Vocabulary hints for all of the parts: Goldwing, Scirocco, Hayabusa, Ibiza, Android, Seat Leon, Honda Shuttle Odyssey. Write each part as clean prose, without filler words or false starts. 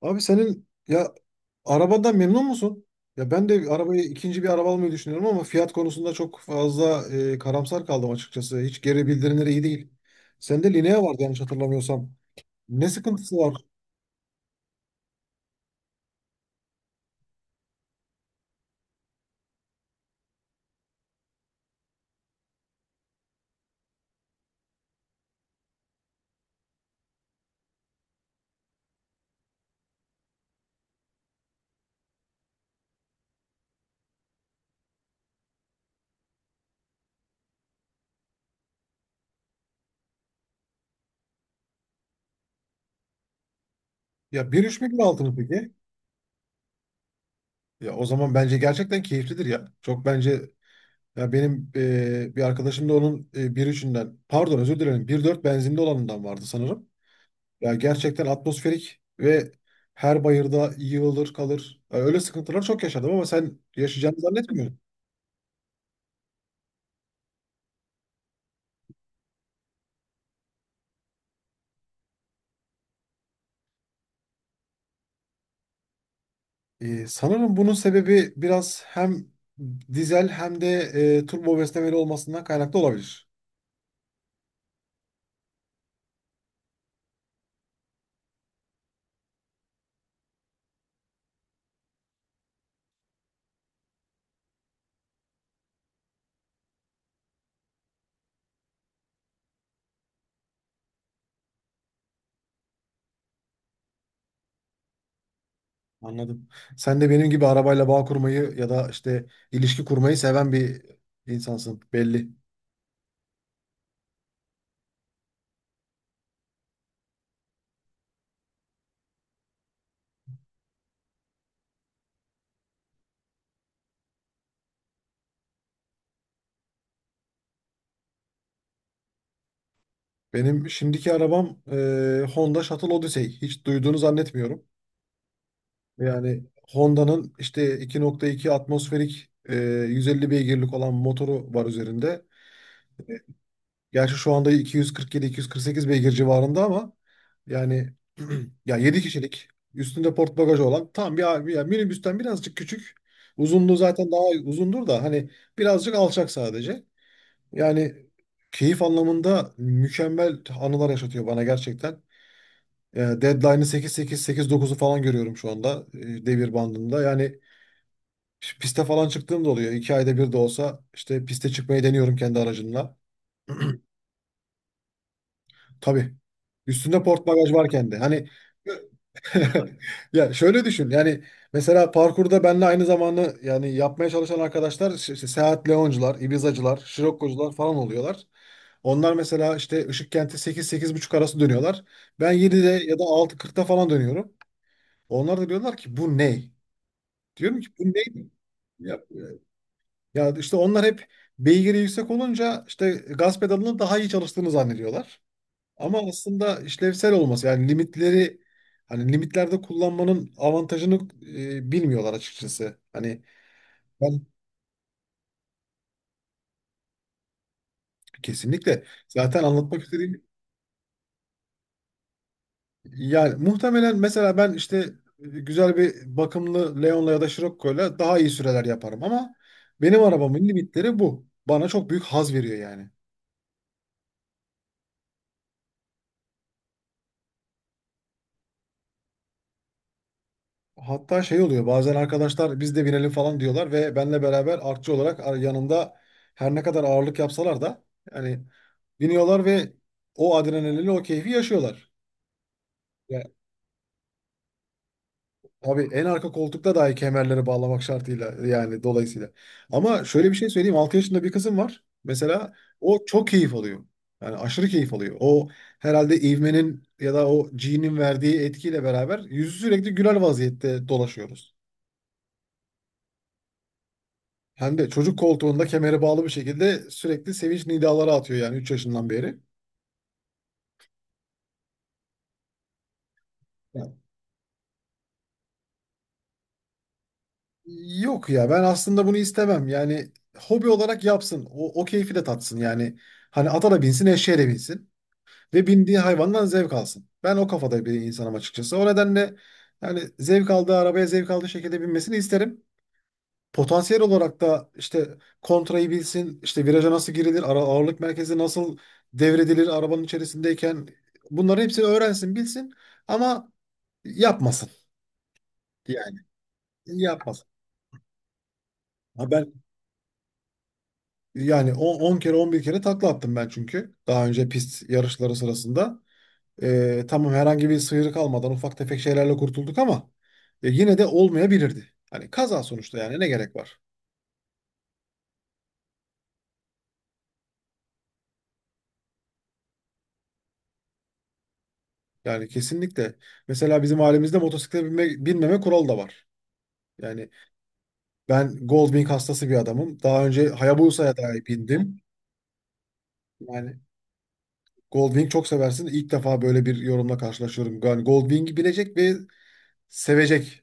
Abi senin ya arabadan memnun musun? Ya ben de arabayı ikinci bir araba almayı düşünüyorum ama fiyat konusunda çok fazla karamsar kaldım açıkçası. Hiç geri bildirimleri iyi değil. Sende Linea vardı yanlış hatırlamıyorsam. Ne sıkıntısı var? Ya 1.3 mi 1.6 mı peki? Ya o zaman bence gerçekten keyiflidir ya. Çok bence ya benim bir arkadaşım da onun bir üçünden pardon özür dilerim bir dört benzinli olanından vardı sanırım. Ya gerçekten atmosferik ve her bayırda yığılır kalır. Ya öyle sıkıntılar çok yaşadım ama sen yaşayacağını zannetmiyorum. Sanırım bunun sebebi biraz hem dizel hem de turbo beslemeli olmasından kaynaklı olabilir. Anladım. Sen de benim gibi arabayla bağ kurmayı ya da işte ilişki kurmayı seven bir insansın belli. Benim şimdiki arabam Honda Shuttle Odyssey. Hiç duyduğunu zannetmiyorum. Yani Honda'nın işte 2.2 atmosferik 150 beygirlik olan motoru var üzerinde. Gerçi şu anda 247-248 beygir civarında ama yani ya 7 kişilik üstünde port bagajı olan tam bir minibüsten birazcık küçük. Uzunluğu zaten daha uzundur da hani birazcık alçak sadece. Yani keyif anlamında mükemmel anılar yaşatıyor bana gerçekten. Deadline'ı 8-8-8-9'u falan görüyorum şu anda devir bandında. Yani İşte piste falan çıktığım da oluyor. İki ayda bir de olsa işte piste çıkmayı deniyorum kendi aracımla. Tabii. Üstünde port bagaj varken de. Hani ya şöyle düşün. Yani mesela parkurda benle aynı zamanda yani yapmaya çalışan arkadaşlar işte Seat Leoncular, Ibizacılar, Scirocco'cular falan oluyorlar. Onlar mesela işte Işıkkent'e 8 buçuk arası dönüyorlar. Ben 7'de ya da 6.40'da falan dönüyorum. Onlar da diyorlar ki bu ne? Diyorum ki bu ne? Ya, Ya, işte onlar hep beygiri yüksek olunca işte gaz pedalını daha iyi çalıştığını zannediyorlar. Ama aslında işlevsel olması yani limitleri hani limitlerde kullanmanın avantajını bilmiyorlar açıkçası. Hani ben kesinlikle zaten anlatmak istediğim yani muhtemelen mesela ben işte güzel bir bakımlı Leon'la ya da Scirocco'yla daha iyi süreler yaparım ama benim arabamın limitleri bu. Bana çok büyük haz veriyor yani. Hatta şey oluyor bazen arkadaşlar biz de binelim falan diyorlar ve benle beraber artçı olarak yanında her ne kadar ağırlık yapsalar da yani biniyorlar ve o adrenalini o keyfi yaşıyorlar. Ya, tabii en arka koltukta dahi kemerleri bağlamak şartıyla yani dolayısıyla. Ama şöyle bir şey söyleyeyim 6 yaşında bir kızım var mesela o çok keyif alıyor. Yani aşırı keyif alıyor. O herhalde ivmenin ya da o G'nin verdiği etkiyle beraber yüzü sürekli güler vaziyette dolaşıyoruz. Hem de çocuk koltuğunda kemere bağlı bir şekilde sürekli sevinç nidaları atıyor yani 3 yaşından beri. Yani yok ya ben aslında bunu istemem. Yani hobi olarak yapsın. O keyfi de tatsın yani. Hani ata da binsin, eşeğe de binsin. Ve bindiği hayvandan zevk alsın. Ben o kafada bir insanım açıkçası. O nedenle yani zevk aldığı arabaya zevk aldığı şekilde binmesini isterim. Potansiyel olarak da işte kontrayı bilsin, işte viraja nasıl girilir, ara ağırlık merkezi nasıl devredilir arabanın içerisindeyken bunların hepsini öğrensin, bilsin ama yapmasın. Yani yapmasın. Ha ben yani 10 kere 11 kere takla attım ben çünkü daha önce pist yarışları sırasında. Tamam herhangi bir sıyrık almadan ufak tefek şeylerle kurtulduk ama yine de olmayabilirdi. Hani kaza sonuçta yani ne gerek var? Yani kesinlikle. Mesela bizim ailemizde motosiklete binme, binmeme kuralı da var. Yani ben Goldwing hastası bir adamım. Daha önce Hayabusa'ya da bindim. Yani Goldwing çok seversin. İlk defa böyle bir yorumla karşılaşıyorum. Yani Goldwing'i bilecek ve sevecek.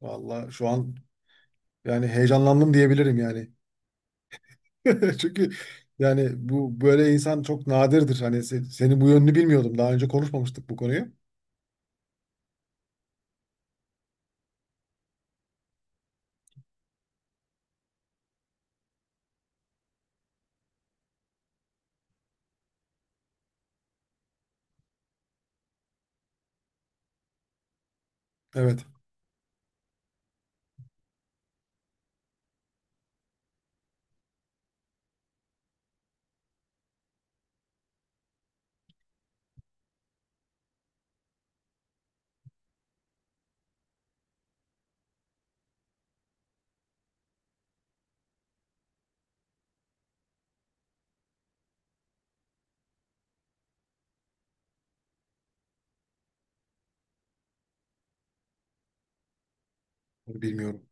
Valla şu an yani heyecanlandım diyebilirim yani. Çünkü yani bu böyle insan çok nadirdir. Hani senin bu yönünü bilmiyordum. Daha önce konuşmamıştık bu konuyu. Evet, bunu bilmiyorum.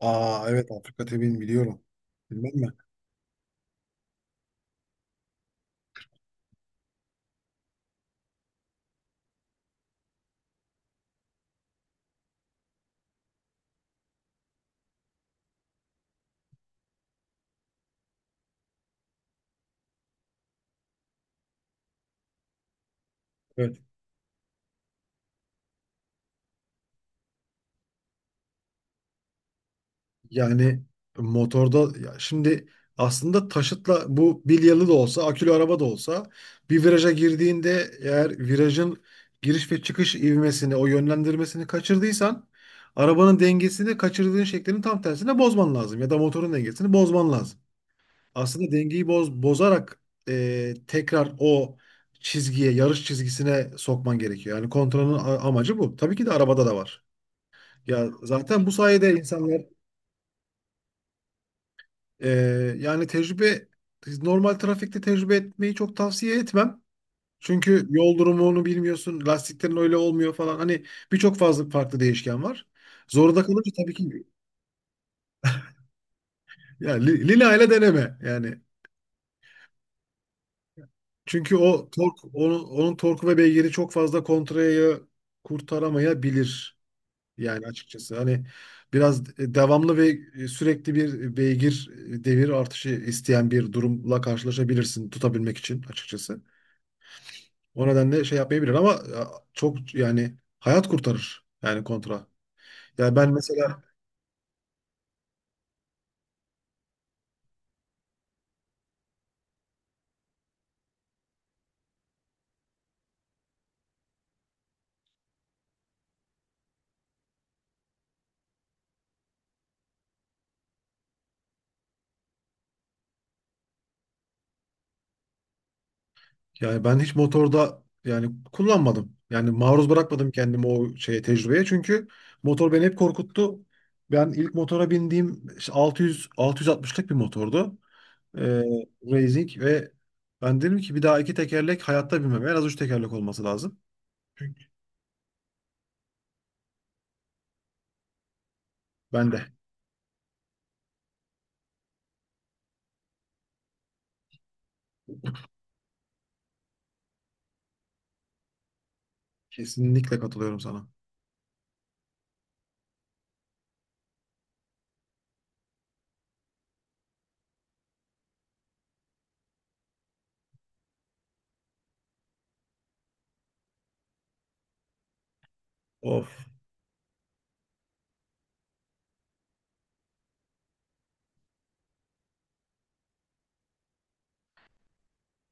Aa evet Afrika tebirini biliyorum. Bilmem mi? Evet. Yani motorda ya şimdi aslında taşıtla bu bilyalı da olsa akülü araba da olsa bir viraja girdiğinde eğer virajın giriş ve çıkış ivmesini o yönlendirmesini kaçırdıysan arabanın dengesini kaçırdığın şeklinin tam tersine bozman lazım ya da motorun dengesini bozman lazım. Aslında dengeyi bozarak tekrar o çizgiye yarış çizgisine sokman gerekiyor. Yani kontrolün amacı bu. Tabii ki de arabada da var. Ya zaten bu sayede insanlar Ee, yani tecrübe normal trafikte tecrübe etmeyi çok tavsiye etmem. Çünkü yol durumunu bilmiyorsun, lastiklerin öyle olmuyor falan. Hani birçok fazla farklı değişken var. Zorunda kalınca tabii ki yani Lina ile deneme yani. Çünkü o tork onun torku ve beygiri çok fazla kontrayı kurtaramayabilir yani açıkçası. Hani biraz devamlı ve sürekli bir beygir devir artışı isteyen bir durumla karşılaşabilirsin tutabilmek için açıkçası. O nedenle şey yapmayabilir ama ya, çok yani hayat kurtarır yani kontra. Yani ben mesela yani ben hiç motorda yani kullanmadım. Yani maruz bırakmadım kendimi o şeye tecrübeye çünkü motor beni hep korkuttu. Ben ilk motora bindiğim işte 600 660'lık bir motordu. Ee, Racing ve ben dedim ki bir daha iki tekerlek hayatta binmem. En az üç tekerlek olması lazım. Çünkü ben de kesinlikle katılıyorum sana. Of.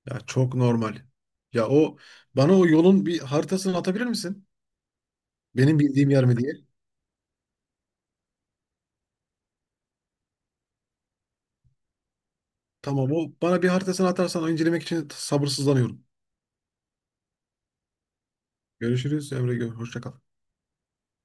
Ya çok normal. Ya o bana o yolun bir haritasını atabilir misin? Benim bildiğim yer mi diye. Tamam o bana bir haritasını atarsan incelemek için sabırsızlanıyorum. Görüşürüz Emre. Hoşça kal.